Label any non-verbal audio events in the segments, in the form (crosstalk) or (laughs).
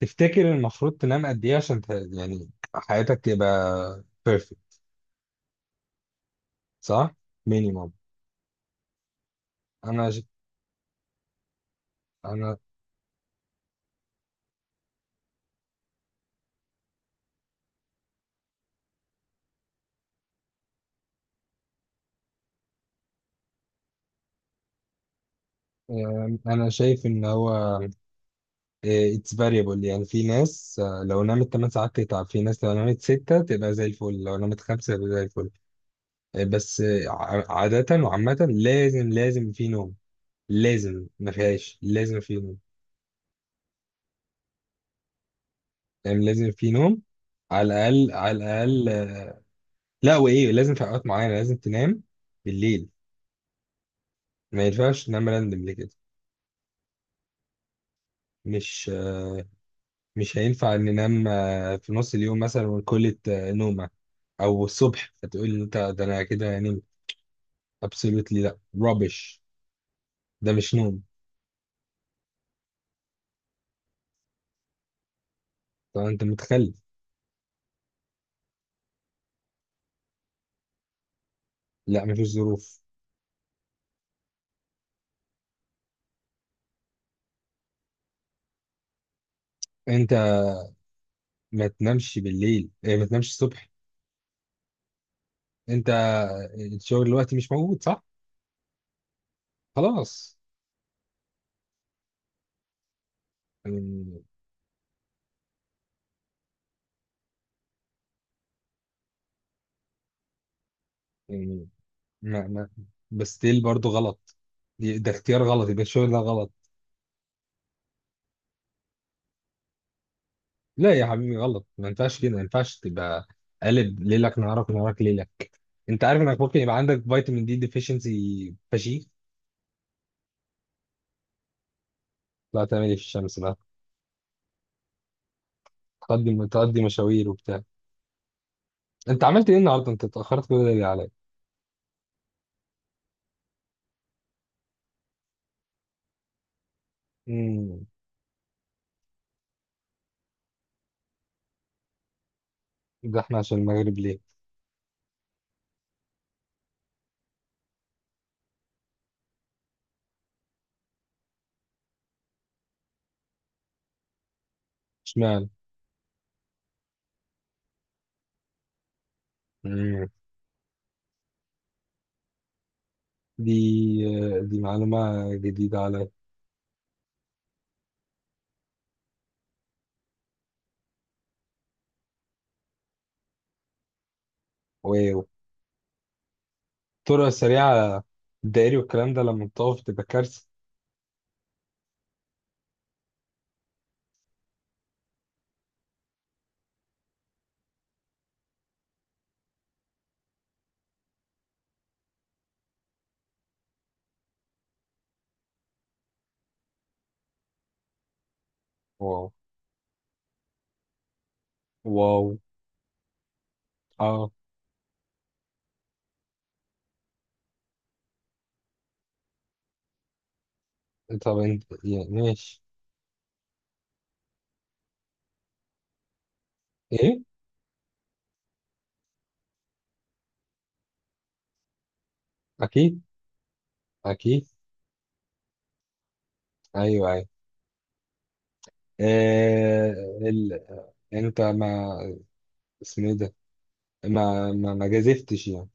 تفتكر المفروض تنام قد ايه عشان يعني حياتك تبقى بيرفكت؟ صح. مينيمم. انا ش... انا انا شايف ان هو اتس فاريبل، يعني في ناس لو نامت 8 ساعات تتعب، في ناس لو نامت 6 تبقى زي الفل، لو نامت 5 تبقى زي الفل. عادة وعامة، لازم في نوم. لازم ما فيهاش، لازم في نوم. يعني لازم في نوم. على الاقل على الاقل، لا وايه، لازم في اوقات معينة لازم تنام بالليل. ما ينفعش ننام راندم ليه كده. مش آه، مش هينفع ننام في نص اليوم مثلا ونكلة نومة، او الصبح هتقول لي انت ده انا كده هنمت. absolutely لا rubbish. ده مش نوم. طب انت متخلف. لا مفيش ظروف. انت ما تنامش بالليل، ما تنامش الصبح. انت الشغل دلوقتي مش موجود، صح. خلاص. يعني يعني ما ما بس still برضه غلط. ده اختيار غلط، يبقى الشغل ده غلط. لا يا حبيبي، غلط. ما ينفعش كده، ما ينفعش تبقى قالب ليلك نهارك، نهارك ليلك. انت عارف انك ممكن يبقى عندك فيتامين دي ديفيشنسي فشيخ. لا تعمل ايه في الشمس بقى، تقضي مشاوير وبتاع. انت عملت ايه النهارده؟ انت اتاخرت كل ده ليه عليا؟ امم. ده احنا عشان المغرب ليه؟ اشمعنى؟ امم. دي معلومه جديده عليا. واو. الطرق السريعه، الدائري والكلام ده لما بتقف تبقى كارثه. واو. واو. اه. طب انت يعني ماشي. ايه. اكيد. اكيد. ايوه، ايوه. آه. ال... انت ما اسمه ايه ده؟ ما جازفتش يعني.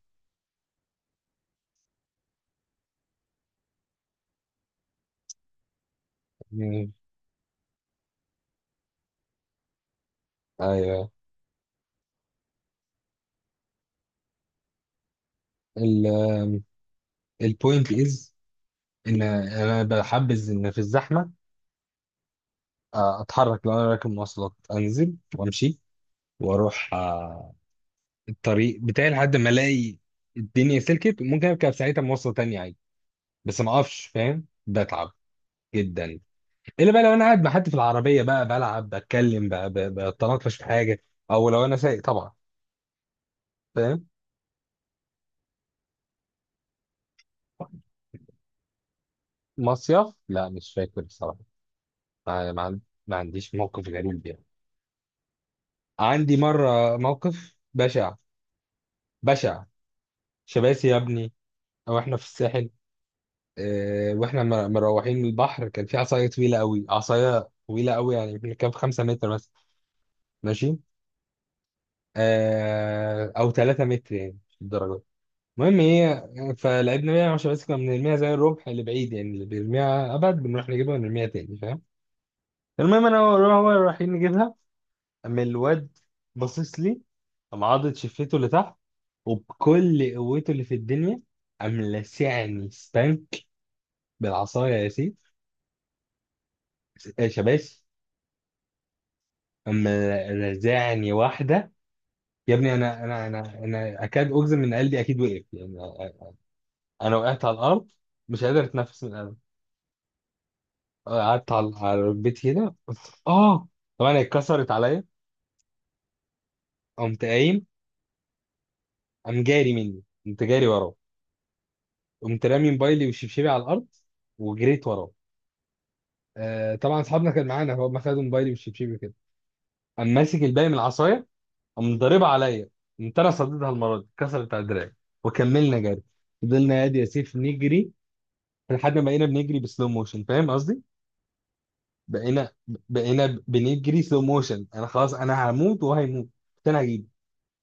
مم. ايوه. ال... البوينت از ان انا بحبذ ان في الزحمه اتحرك، لو انا راكب مواصلات انزل وامشي واروح الطريق بتاعي لحد ما الاقي الدنيا سلكت، ممكن اركب ساعتها مواصله تانية عادي. بس ما اقفش، فاهم، بتعب جدا. الا بقى لو انا قاعد مع حد في العربيه بقى بلعب، بتكلم بقى بتناقش في حاجه، او لو انا سايق طبعا، فاهم. مصيف، لا مش فاكر الصراحه. ما, ما, عن- ما عنديش موقف غريب يعني. عندي مره موقف بشع. بشع. شباسي يا ابني. او احنا في الساحل. اه، واحنا مروحين من البحر، كان في عصايه طويله قوي، عصايه طويله قوي، يعني يمكن كان في 5 متر مثلا، ماشي، اه او 3 متر يعني، مش الدرجه. المهم ايه، فلعبنا 110، بس كنا بنرميها زي الرمح، اللي بعيد يعني، اللي بيرميها ابعد بنروح نجيبها ونرميها تاني، فاهم. المهم، انا هو رايحين نجيبها، اما الواد باصص لي. قام عاضد شفته لتحت، وبكل قوته اللي في الدنيا قام لسعني ستانك بالعصايه يا سيف. شباش قام رزعني واحده. يا ابني، انا اكاد اجزم ان قلبي اكيد وقف يعني. انا وقعت على الارض مش قادر اتنفس من الالم. قعدت على البيت هنا. اه، طبعا اتكسرت عليا. قمت قايم، قام جاري مني، قمت جاري وراه. قمت رامي موبايلي وشبشبي على الارض وجريت وراه. آه طبعا اصحابنا كان معانا، هو ما خدوا موبايلي وشبشبي كده. قام ماسك الباقي من العصايه، قام ضاربها عليا، قمت انا صديتها المره دي اتكسرت على دراعي، وكملنا جري. فضلنا يا سيف نجري لحد ما بقينا بنجري بسلو موشن، فاهم قصدي؟ بقينا بقينا بنجري سلو موشن، انا خلاص انا هموت وهيموت. قلت انا هجيبه.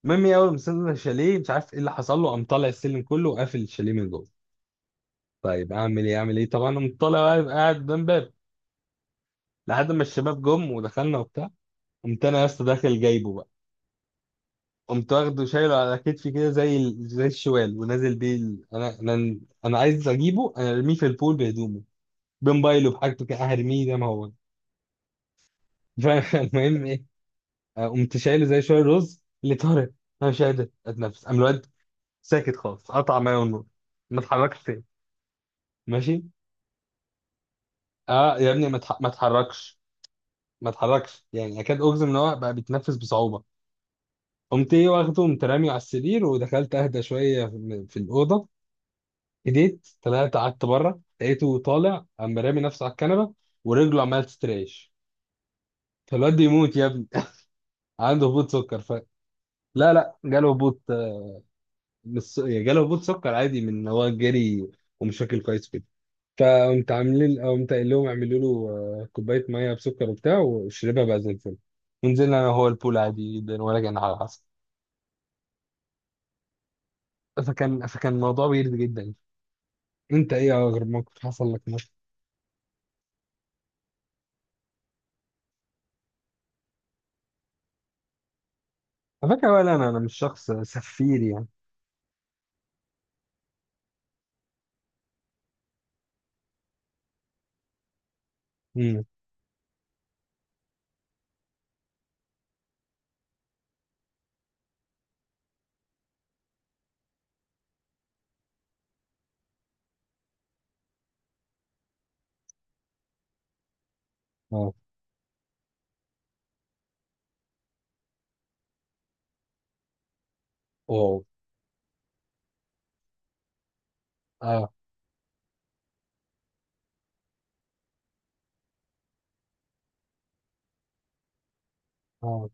المهم اول ما وصلنا الشاليه، مش عارف ايه اللي حصل له، قام طالع السلم كله وقافل الشاليه من جوه. طيب اعمل ايه اعمل ايه، طبعا قمت طالع بقى، يبقى قاعد قدام باب لحد ما الشباب جم ودخلنا وبتاع. قمت انا يا اسطى داخل جايبه بقى. قمت واخده شايله على كتفي كده زي زي الشوال، ونازل بيه انا عايز اجيبه، انا ارميه في البول بهدومه، بموبايله بحاجته كده، هرميه زي ما هو. (laughs) فالمهم ايه، قمت شايله زي شويه رز اللي طارق. انا مش قادر اتنفس. قام الواد ساكت خالص، قطع ميه والنور، ما اتحركش تاني. ماشي. اه يا ابني، ما اتحركش. ما اتحركش يعني، اكاد اجزم ان هو بقى بيتنفس بصعوبه. قمت ايه واخده، قمت راميه على السرير، ودخلت اهدى شويه في الاوضه. هديت، طلعت قعدت بره، لقيته طالع، قام رامي نفسه على الكنبه، ورجله عماله تستريش. فالواد ده يموت يا ابني. (laughs) عنده هبوط سكر لا لا، جاله هبوط، آه، مش س- يعني جاله هبوط سكر عادي من إن هو جري ومش واكل كويس. فقمت عاملين، قمت قايل لهم اعملوا له كوبايه ميه بسكر وبتاع، وشربها بقى زي الفل. ونزلنا انا وهو البول عادي جدا، ولا كان حاجه حصل. فكان الموضوع ويرد جدا. انت ايه اغرب موقف حصل لك مثلا؟ على فكره، ولا انا انا مش شخص سفير يعني. امم. اه. واو. اه. اه.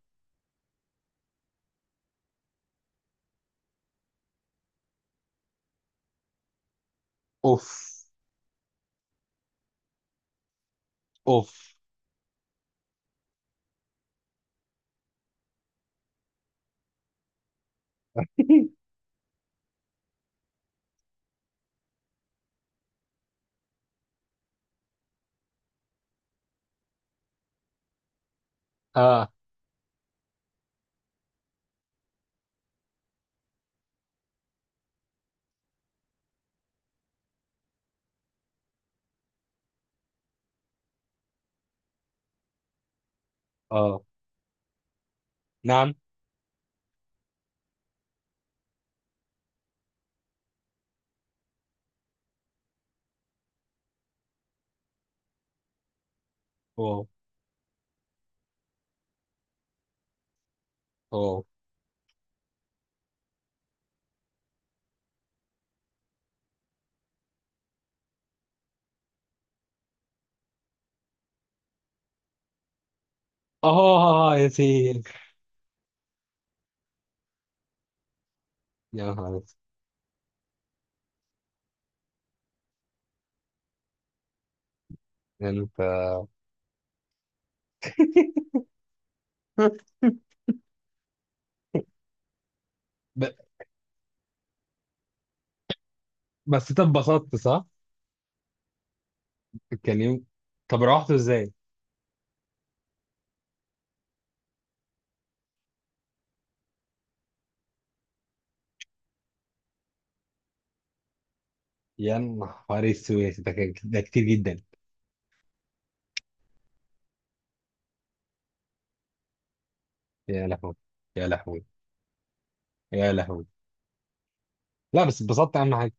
اوف. اوف. اه. اه. نعم. واو. واو. اه يا سيدي. يا نهار أسود. يعني انت. (laughs) ب- بس انت اتبسطت صح؟ كان يوم. طب روحته ازاي؟ يا نهار اسود، ده كتير جدا. يا لهوي. يا لهوي. يا لهوي. لا بس اتبسطت اهم حاجه.